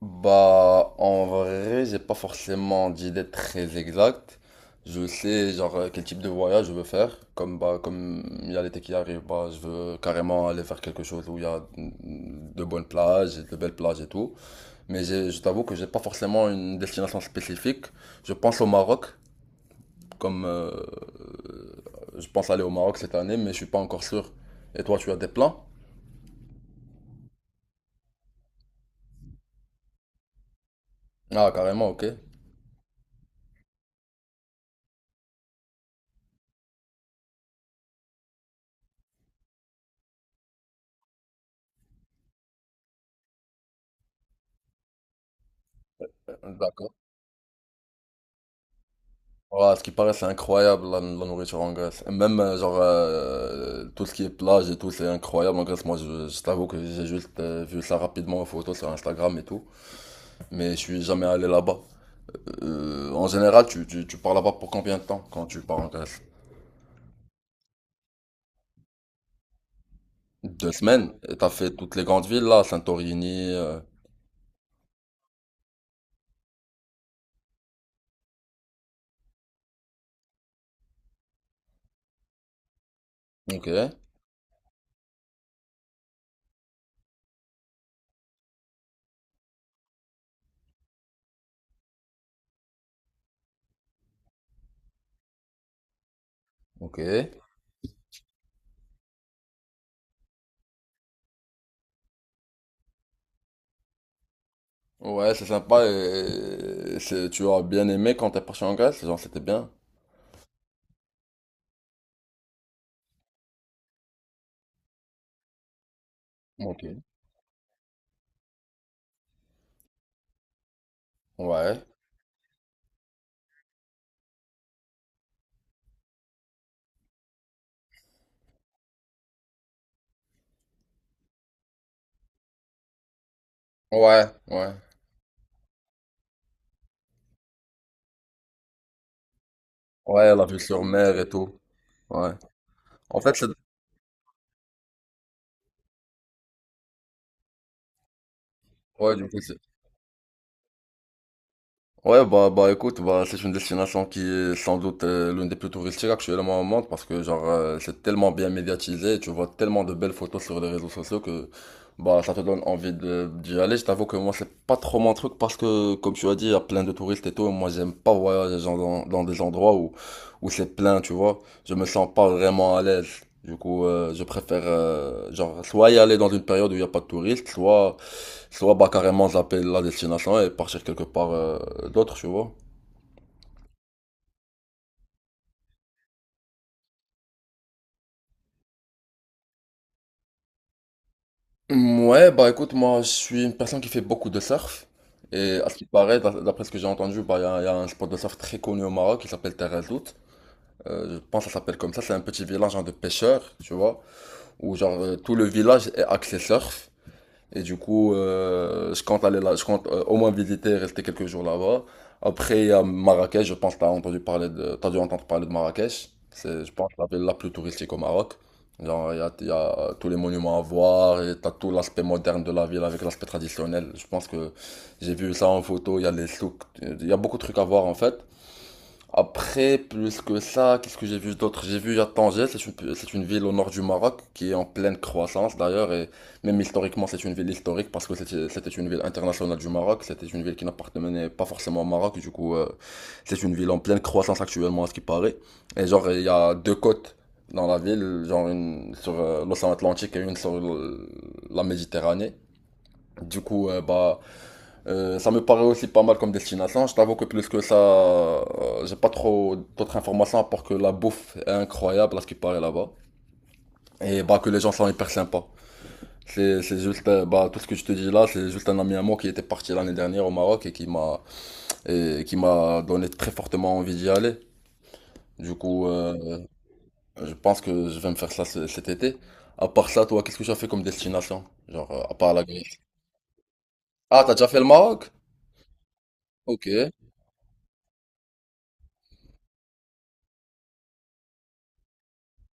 Bah, en vrai, j'ai pas forcément d'idée très exacte. Je sais, genre, quel type de voyage je veux faire. Comme, bah, comme il y a l'été qui arrive, bah, je veux carrément aller faire quelque chose où il y a de bonnes plages, et de belles plages et tout. Mais je t'avoue que j'ai pas forcément une destination spécifique. Je pense au Maroc, comme je pense aller au Maroc cette année, mais je suis pas encore sûr. Et toi, tu as des plans? Ah, carrément, ok. D'accord. Ouais, à ce qui paraît, c'est incroyable la, la nourriture en Grèce. Et même, genre, tout ce qui est plage et tout, c'est incroyable en Grèce. Moi, je t'avoue que j'ai juste vu ça rapidement en photo sur Instagram et tout. Mais je suis jamais allé là-bas. En général, tu pars là-bas pour combien de temps quand tu pars en Grèce? Deux semaines? Et t'as fait toutes les grandes villes là, Santorini. Ok, ok. Ouais, c'est sympa et c'est, tu as bien aimé quand t'es parti en Grèce? Genre, c'était bien. Ok. Ouais. Ouais, ouais. Ouais, la vue sur mer et tout. Ouais. En fait, c'est... Ouais, Ouais, bah, bah écoute, bah, c'est une destination qui est sans doute l'une des plus touristiques actuellement au monde parce que c'est tellement bien médiatisé, tu vois tellement de belles photos sur les réseaux sociaux que bah ça te donne envie de d'y aller. Je t'avoue que moi c'est pas trop mon truc parce que comme tu as dit, il y a plein de touristes et tout, et moi j'aime pas voyager genre, dans des endroits où, où c'est plein, tu vois. Je me sens pas vraiment à l'aise. Du coup, je préfère genre soit y aller dans une période où il n'y a pas de touristes, soit bah carrément zapper la destination et partir quelque part d'autre, tu vois. Ouais, bah écoute, moi je suis une personne qui fait beaucoup de surf. Et à ce qui paraît, d'après ce que j'ai entendu, bah il y a un spot de surf très connu au Maroc qui s'appelle Terrezout. Je pense que ça s'appelle comme ça. C'est un petit village genre, de pêcheurs, tu vois, où tout le village est axé surf. Et du coup, je compte aller là, je compte au moins visiter, rester quelques jours là-bas. Après, il y a Marrakech, je pense que t'as entendu parler de, t'as dû entendre parler de Marrakech. C'est, je pense, la ville la plus touristique au Maroc. Genre, il y a, il y a tous les monuments à voir et t'as tout l'aspect moderne de la ville avec l'aspect traditionnel. Je pense que j'ai vu ça en photo, il y a les souks, il y a beaucoup de trucs à voir en fait. Après, plus que ça, qu'est-ce que j'ai vu d'autre? J'ai vu à Tanger, c'est une ville au nord du Maroc qui est en pleine croissance d'ailleurs, et même historiquement, c'est une ville historique parce que c'était une ville internationale du Maroc, c'était une ville qui n'appartenait pas forcément au Maroc, du coup, c'est une ville en pleine croissance actuellement à ce qui paraît. Et genre, il y a deux côtes dans la ville, genre une sur l'océan Atlantique et une sur la Méditerranée. Du coup, bah, ça me paraît aussi pas mal comme destination. Je t'avoue que plus que ça, j'ai pas trop d'autres informations à part que la bouffe est incroyable à ce qui paraît là-bas. Et bah que les gens sont hyper sympas. C'est juste, bah, tout ce que je te dis là, c'est juste un ami à moi qui était parti l'année dernière au Maroc et qui m'a donné très fortement envie d'y aller. Du coup, je pense que je vais me faire ça cet été. À part ça, toi, qu'est-ce que tu as fait comme destination? Genre, à part la Grèce. Ah, t'as déjà fait le Maroc? Ok,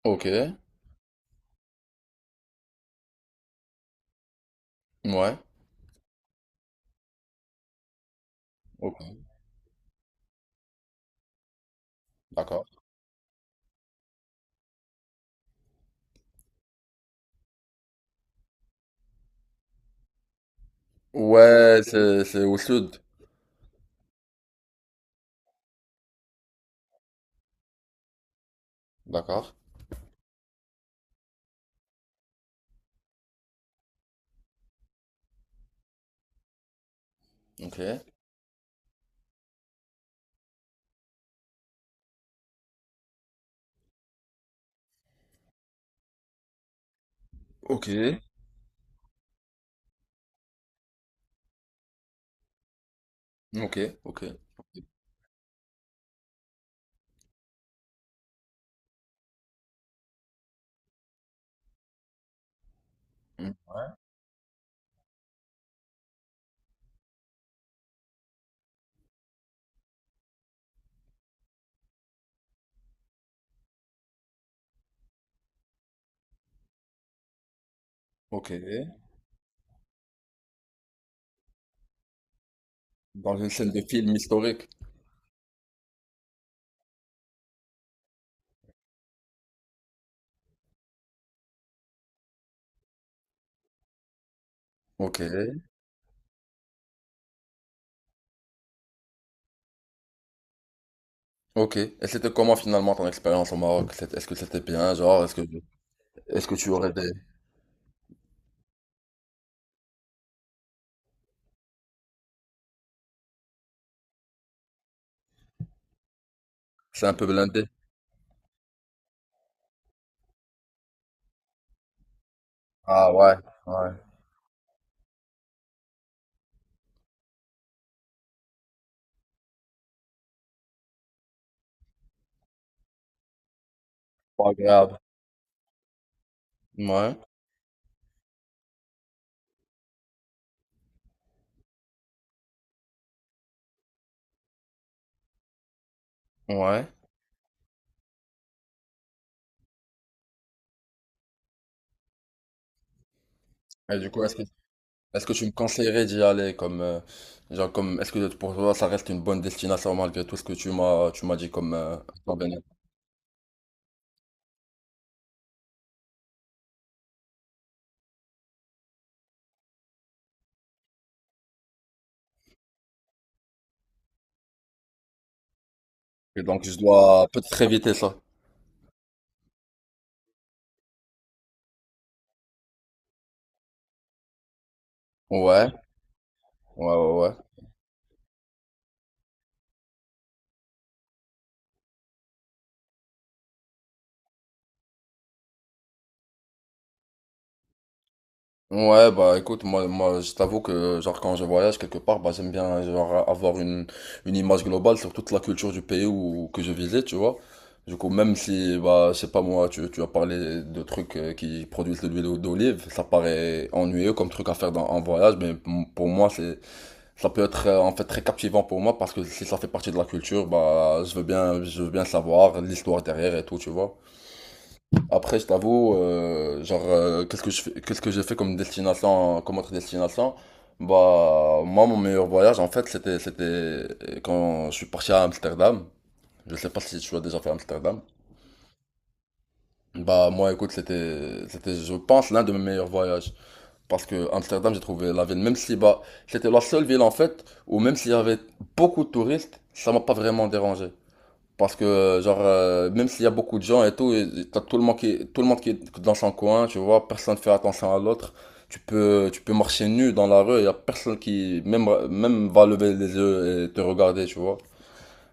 ok, ouais, ok, d'accord. Ouais, c'est au sud. D'accord. Ok. Ok. Ok. Ok. Hmm. Ok. Dans une scène de film historique. Ok. Ok. Et c'était comment finalement ton expérience au Maroc? Est-ce que c'était bien, genre, est-ce que tu aurais des... C'est un peu blindé. Ah ouais. Ouais. Pas agréable. Ouais. Ouais. Et du coup, est-ce que tu me conseillerais d'y aller comme genre comme est-ce que pour toi ça reste une bonne destination malgré tout ce que tu m'as dit comme Et donc je dois peut-être éviter ça. Ouais, ouais, ouais, ouais. Ouais, bah écoute, moi, je t'avoue que genre quand je voyage quelque part, bah j'aime bien genre avoir une image globale sur toute la culture du pays où, que je visite, tu vois. Du coup, même si, bah, je sais pas moi, tu as parlé de trucs qui produisent de l'huile d'olive, ça paraît ennuyeux comme truc à faire dans, en voyage, mais pour moi, c'est, ça peut être en fait très captivant pour moi parce que si ça fait partie de la culture, bah, je veux bien savoir l'histoire derrière et tout, tu vois. Après, je t'avoue, genre, qu'est-ce que je fais, qu'est-ce que j'ai fait comme destination, comme autre destination? Bah, moi, mon meilleur voyage, en fait, c'était quand je suis parti à Amsterdam. Je sais pas si tu as déjà fait Amsterdam. Bah, moi, écoute, c'était, je pense, l'un de mes meilleurs voyages. Parce que Amsterdam, j'ai trouvé la ville, même si, bah, c'était la seule ville, en fait, où même s'il y avait beaucoup de touristes, ça m'a pas vraiment dérangé. Parce que, genre, même s'il y a beaucoup de gens et tout, et t'as tout le monde qui, tout le monde qui est dans son coin, tu vois, personne fait attention à l'autre. Tu peux marcher nu dans la rue, il y a personne qui, même va lever les yeux et te regarder, tu vois.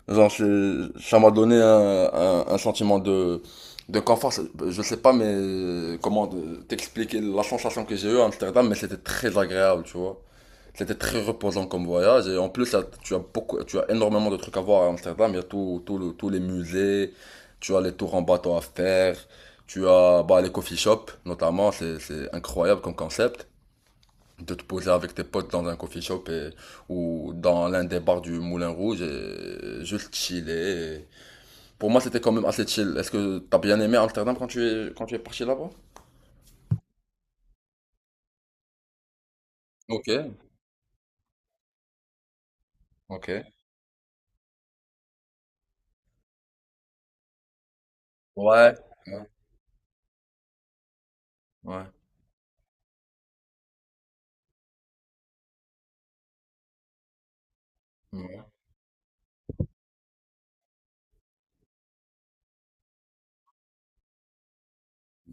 Genre, ça m'a donné un sentiment de confort. Je sais pas, mais t'expliquer la sensation que j'ai eue à Amsterdam, mais c'était très agréable, tu vois. C'était très reposant comme voyage et en plus tu as énormément de trucs à voir à Amsterdam. Il y a tout, tous les musées, tu as les tours en bateau à faire, tu as bah, les coffee shops notamment, c'est incroyable comme concept de te poser avec tes potes dans un coffee shop ou dans l'un des bars du Moulin Rouge et juste chiller. Et pour moi c'était quand même assez chill. Est-ce que t'as bien aimé Amsterdam quand quand tu es parti là-bas? Ok, ok. Ouais, ouais, ouais. Ouais,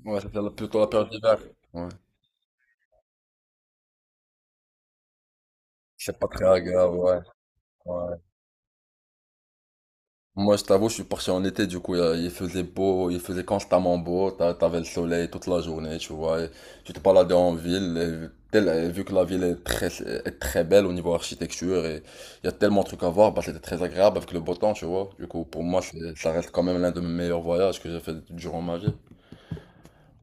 ouais, c'était plutôt la période d'hiver. Ouais. C'est pas très agréable, ouais. ouais. Moi, je t'avoue, je suis parti en été, du coup, il faisait beau, il faisait constamment beau, t'avais le soleil toute la journée, tu vois. Et tu te baladais en ville, et vu que la ville est très belle au niveau architecture, et il y a tellement de trucs à voir, bah, c'était très agréable avec le beau temps, tu vois. Du coup, pour moi, ça reste quand même l'un de mes meilleurs voyages que j'ai fait durant ma vie.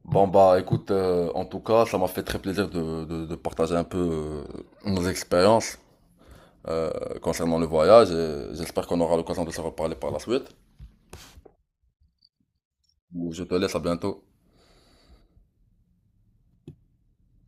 Bon, bah, écoute, en tout cas, ça m'a fait très plaisir de partager un peu nos expériences. Euh, concernant le voyage. J'espère qu'on aura l'occasion de se reparler par la suite. Je te laisse à bientôt.